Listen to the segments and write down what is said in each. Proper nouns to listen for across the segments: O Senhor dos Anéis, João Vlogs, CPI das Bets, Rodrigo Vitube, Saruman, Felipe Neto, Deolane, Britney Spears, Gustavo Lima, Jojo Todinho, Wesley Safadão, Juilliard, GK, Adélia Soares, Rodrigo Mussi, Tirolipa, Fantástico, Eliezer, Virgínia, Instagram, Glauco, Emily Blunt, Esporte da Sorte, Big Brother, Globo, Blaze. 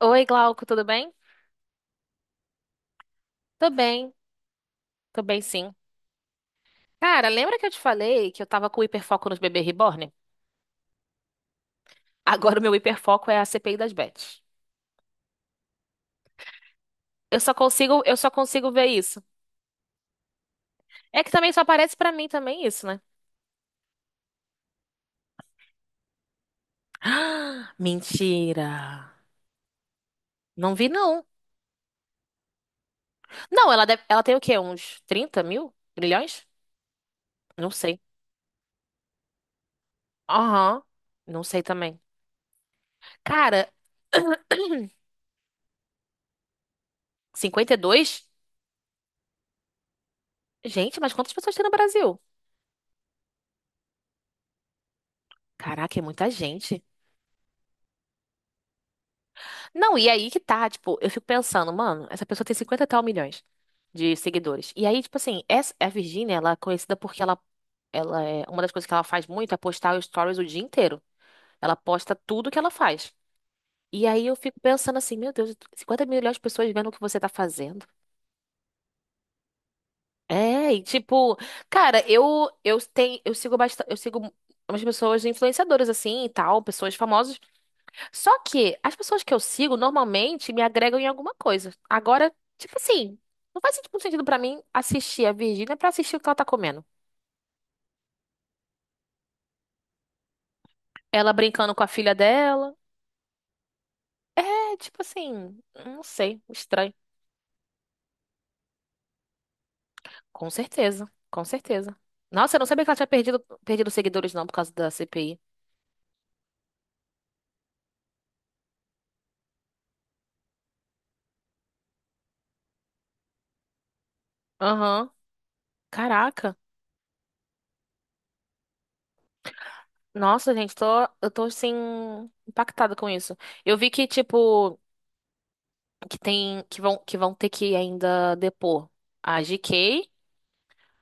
Oi, Glauco, tudo bem? Tô bem, tô bem sim. Cara, lembra que eu te falei que eu tava com hiperfoco nos bebês reborn? Agora o meu hiperfoco é a CPI das Bets. Eu só consigo ver isso. É que também só aparece pra mim também isso, né? Ah, mentira. Não vi não. Não, ela tem o quê? Uns 30 mil? Milhões? Não sei. Aham. Não sei também. Cara, cinquenta e dois. Gente, mas quantas pessoas tem no Brasil? Caraca, é muita gente. Não, e aí que tá, tipo, eu fico pensando, mano, essa pessoa tem 50 e tal milhões de seguidores. E aí, tipo assim, a Virgínia, ela é conhecida porque ela é, uma das coisas que ela faz muito é postar stories o dia inteiro. Ela posta tudo que ela faz. E aí eu fico pensando assim, meu Deus, 50 milhões de pessoas vendo o que você tá fazendo. É, e tipo, cara, eu tenho, eu sigo bastante, eu sigo umas pessoas influenciadoras assim e tal, pessoas famosas. Só que as pessoas que eu sigo normalmente me agregam em alguma coisa. Agora, tipo assim, não faz muito sentido pra mim assistir a Virgínia pra assistir o que ela tá comendo. Ela brincando com a filha dela. É, tipo assim, não sei, estranho. Com certeza, com certeza. Nossa, eu não sabia que ela tinha perdido seguidores não por causa da CPI. Aham. Caraca. Nossa, gente, tô, eu tô assim impactada com isso. Eu vi que tipo que vão ter que ainda depor a GK,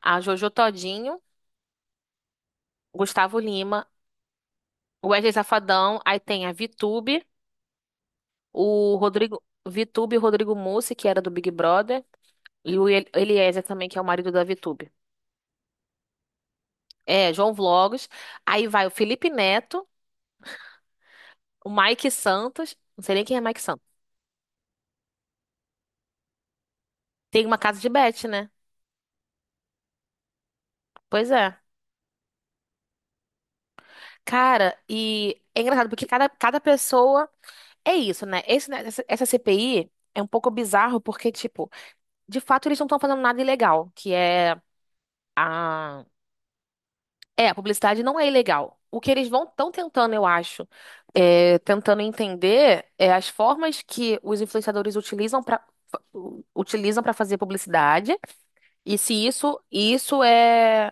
a Jojo Todinho, Gustavo Lima, o Wesley Safadão, aí tem a Vitube, o Rodrigo Vitube e o Rodrigo Mussi, que era do Big Brother, Eliezer também, que é o marido da Vitube. É, João Vlogs. Aí vai o Felipe Neto, o Mike Santos, não sei nem quem é Mike Santos. Tem uma casa de bet, né? Pois é. Cara, e é engraçado porque cada pessoa é isso, né? Essa CPI é um pouco bizarro porque, tipo, de fato eles não estão fazendo nada ilegal, que é a... É, a publicidade não é ilegal. O que eles vão estão tentando, eu acho, é, tentando entender é as formas que os influenciadores utilizam para fazer publicidade e se isso é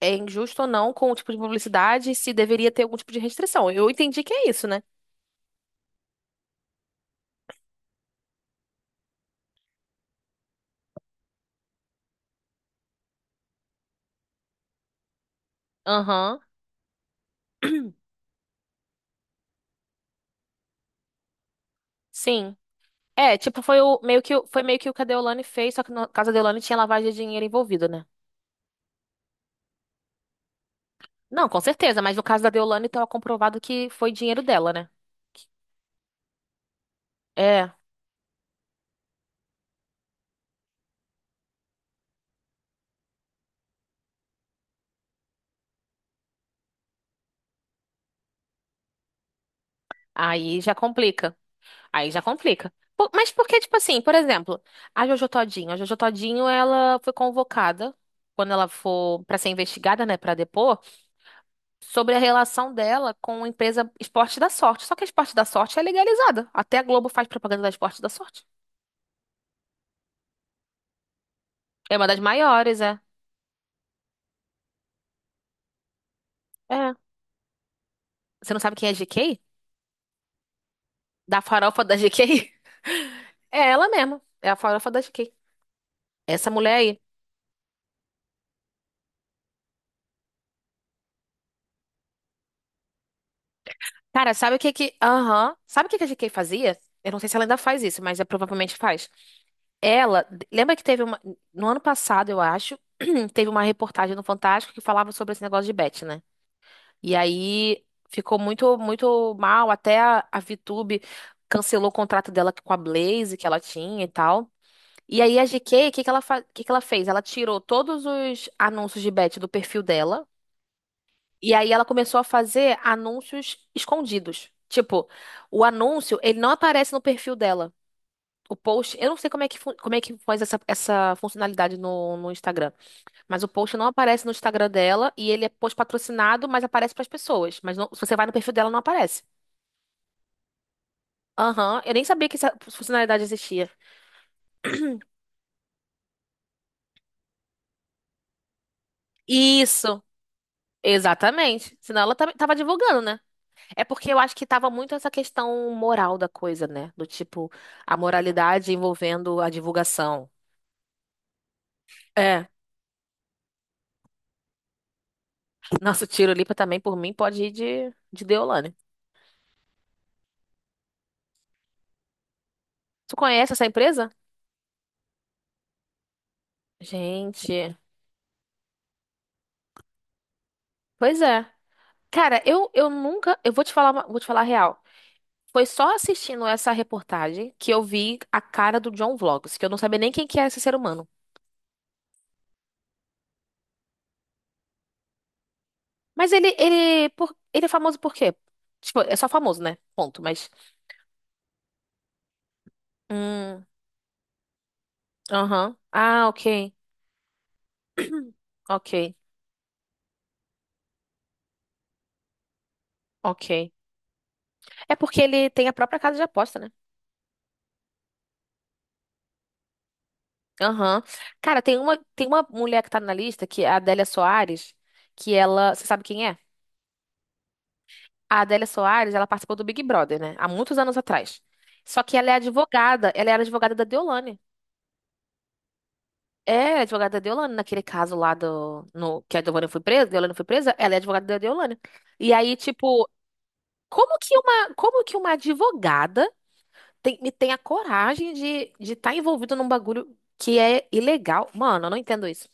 é injusto ou não com o tipo de publicidade, e se deveria ter algum tipo de restrição. Eu entendi que é isso, né? Aham, sim. É, tipo, foi meio que o que a Deolane fez, só que no caso da Deolane tinha lavagem de dinheiro envolvida, né? Não, com certeza, mas no caso da Deolane estava comprovado que foi dinheiro dela, né? É. Aí já complica. Aí já complica. Mas porque, tipo assim, por exemplo, a Jojo Todinho. A Jojo Todinho, ela foi convocada, quando ela for pra ser investigada, né, pra depor, sobre a relação dela com a empresa Esporte da Sorte. Só que a Esporte da Sorte é legalizada. Até a Globo faz propaganda da Esporte da Sorte. É uma das maiores, é. É. Você não sabe quem é a GK? Da farofa da GK? É ela mesma. É a farofa da GK. Essa mulher aí. Cara, sabe o que que. Aham. Sabe o que que a GK fazia? Eu não sei se ela ainda faz isso, mas é, provavelmente faz. Ela. Lembra que teve uma. No ano passado, eu acho, teve uma reportagem no Fantástico que falava sobre esse negócio de bet, né? E aí ficou muito, muito mal. Até a VTube cancelou o contrato dela com a Blaze que ela tinha e tal. E aí a GK, o que que ela fez? Ela tirou todos os anúncios de bet do perfil dela. E aí ela começou a fazer anúncios escondidos. Tipo, o anúncio, ele não aparece no perfil dela. O post, eu não sei como é que faz essa funcionalidade no, no Instagram, mas o post não aparece no Instagram dela e ele é post patrocinado, mas aparece para as pessoas. Se você vai no perfil dela, não aparece. Aham, eu nem sabia que essa funcionalidade existia. Isso, exatamente. Senão ela tava divulgando, né? É porque eu acho que tava muito essa questão moral da coisa, né? Do tipo, a moralidade envolvendo a divulgação. É, nosso Tirolipa também, por mim, pode ir de Deolane. Tu conhece essa empresa? Gente, pois é. Cara, eu nunca. Eu vou te falar, vou te falar a real. Foi só assistindo essa reportagem que eu vi a cara do John Vlogs, que eu não sabia nem quem que era esse ser humano. Mas ele é famoso por quê? Tipo, é só famoso, né? Ponto, mas. Hum, aham. Ah, ok. Ok, ok. É porque ele tem a própria casa de aposta, né? Aham. Cara, tem uma mulher que tá na lista, que é a Adélia Soares, que ela. Você sabe quem é? A Adélia Soares, ela participou do Big Brother, né? Há muitos anos atrás. Só que ela é advogada, ela era advogada da Deolane. É, ela é advogada da Deolane, naquele caso lá do. No, que a Deolane foi presa, ela é advogada da Deolane. E aí, tipo, como que uma advogada tem a coragem de estar envolvido num bagulho que é ilegal. Mano, eu não entendo isso.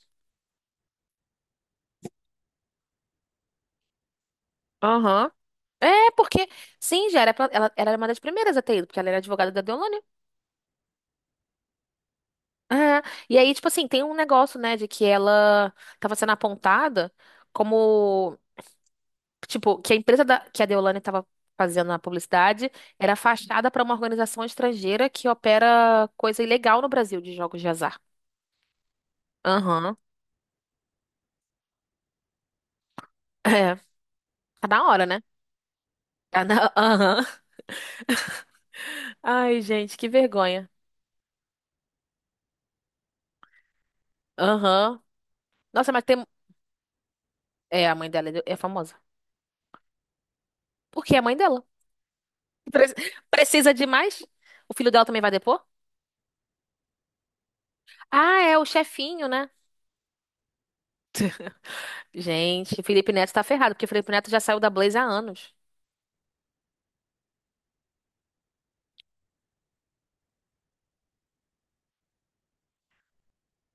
Aham. É, porque, sim, já era, ela era uma das primeiras a ter ido, porque ela era advogada da Deolane. É. E aí, tipo assim, tem um negócio, né, de que ela tava sendo apontada como, tipo, que que a Deolane tava fazendo a publicidade era fachada pra uma organização estrangeira que opera coisa ilegal no Brasil de jogos de azar. Aham. É. Tá na hora, né? Tá na... Aham. Ai, gente, que vergonha. Aham. Nossa, mas tem. É, a mãe dela é é famosa. Por que é a mãe dela? Pre- Precisa de mais? O filho dela também vai depor? Ah, é o chefinho, né? Gente, Felipe Neto tá ferrado, porque Felipe Neto já saiu da Blaze há anos.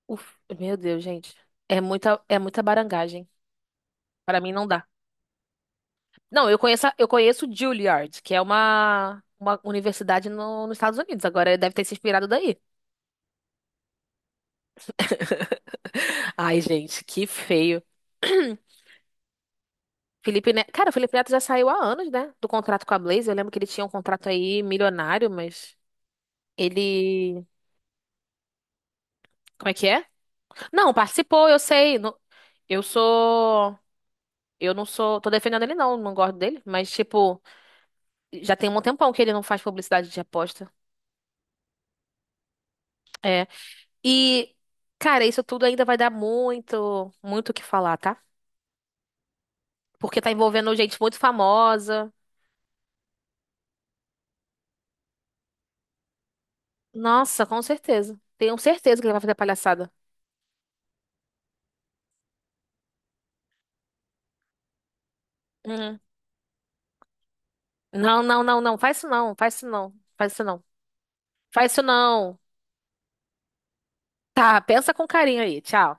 Uf, meu Deus, gente. É muita barangagem. Pra mim não dá. Não, eu conheço, eu conheço Juilliard, que é uma universidade nos Estados Unidos. Agora ele deve ter se inspirado daí. Ai, gente, que feio. Felipe Neto, cara, o Felipe Neto já saiu há anos, né, do contrato com a Blaze. Eu lembro que ele tinha um contrato aí milionário, mas ele, como é que é? Não, participou, eu sei. Não. Eu sou, eu não sou, tô defendendo ele não, não gosto dele, mas tipo, já tem um tempão que ele não faz publicidade de aposta. É. E, cara, isso tudo ainda vai dar muito, muito o que falar, tá? Porque tá envolvendo gente muito famosa. Nossa, com certeza. Tenho certeza que ele vai fazer palhaçada. Hum. Não, não, não, não. Faz isso não. Faz isso não. Faz isso não. Faz isso não. Tá, pensa com carinho aí. Tchau.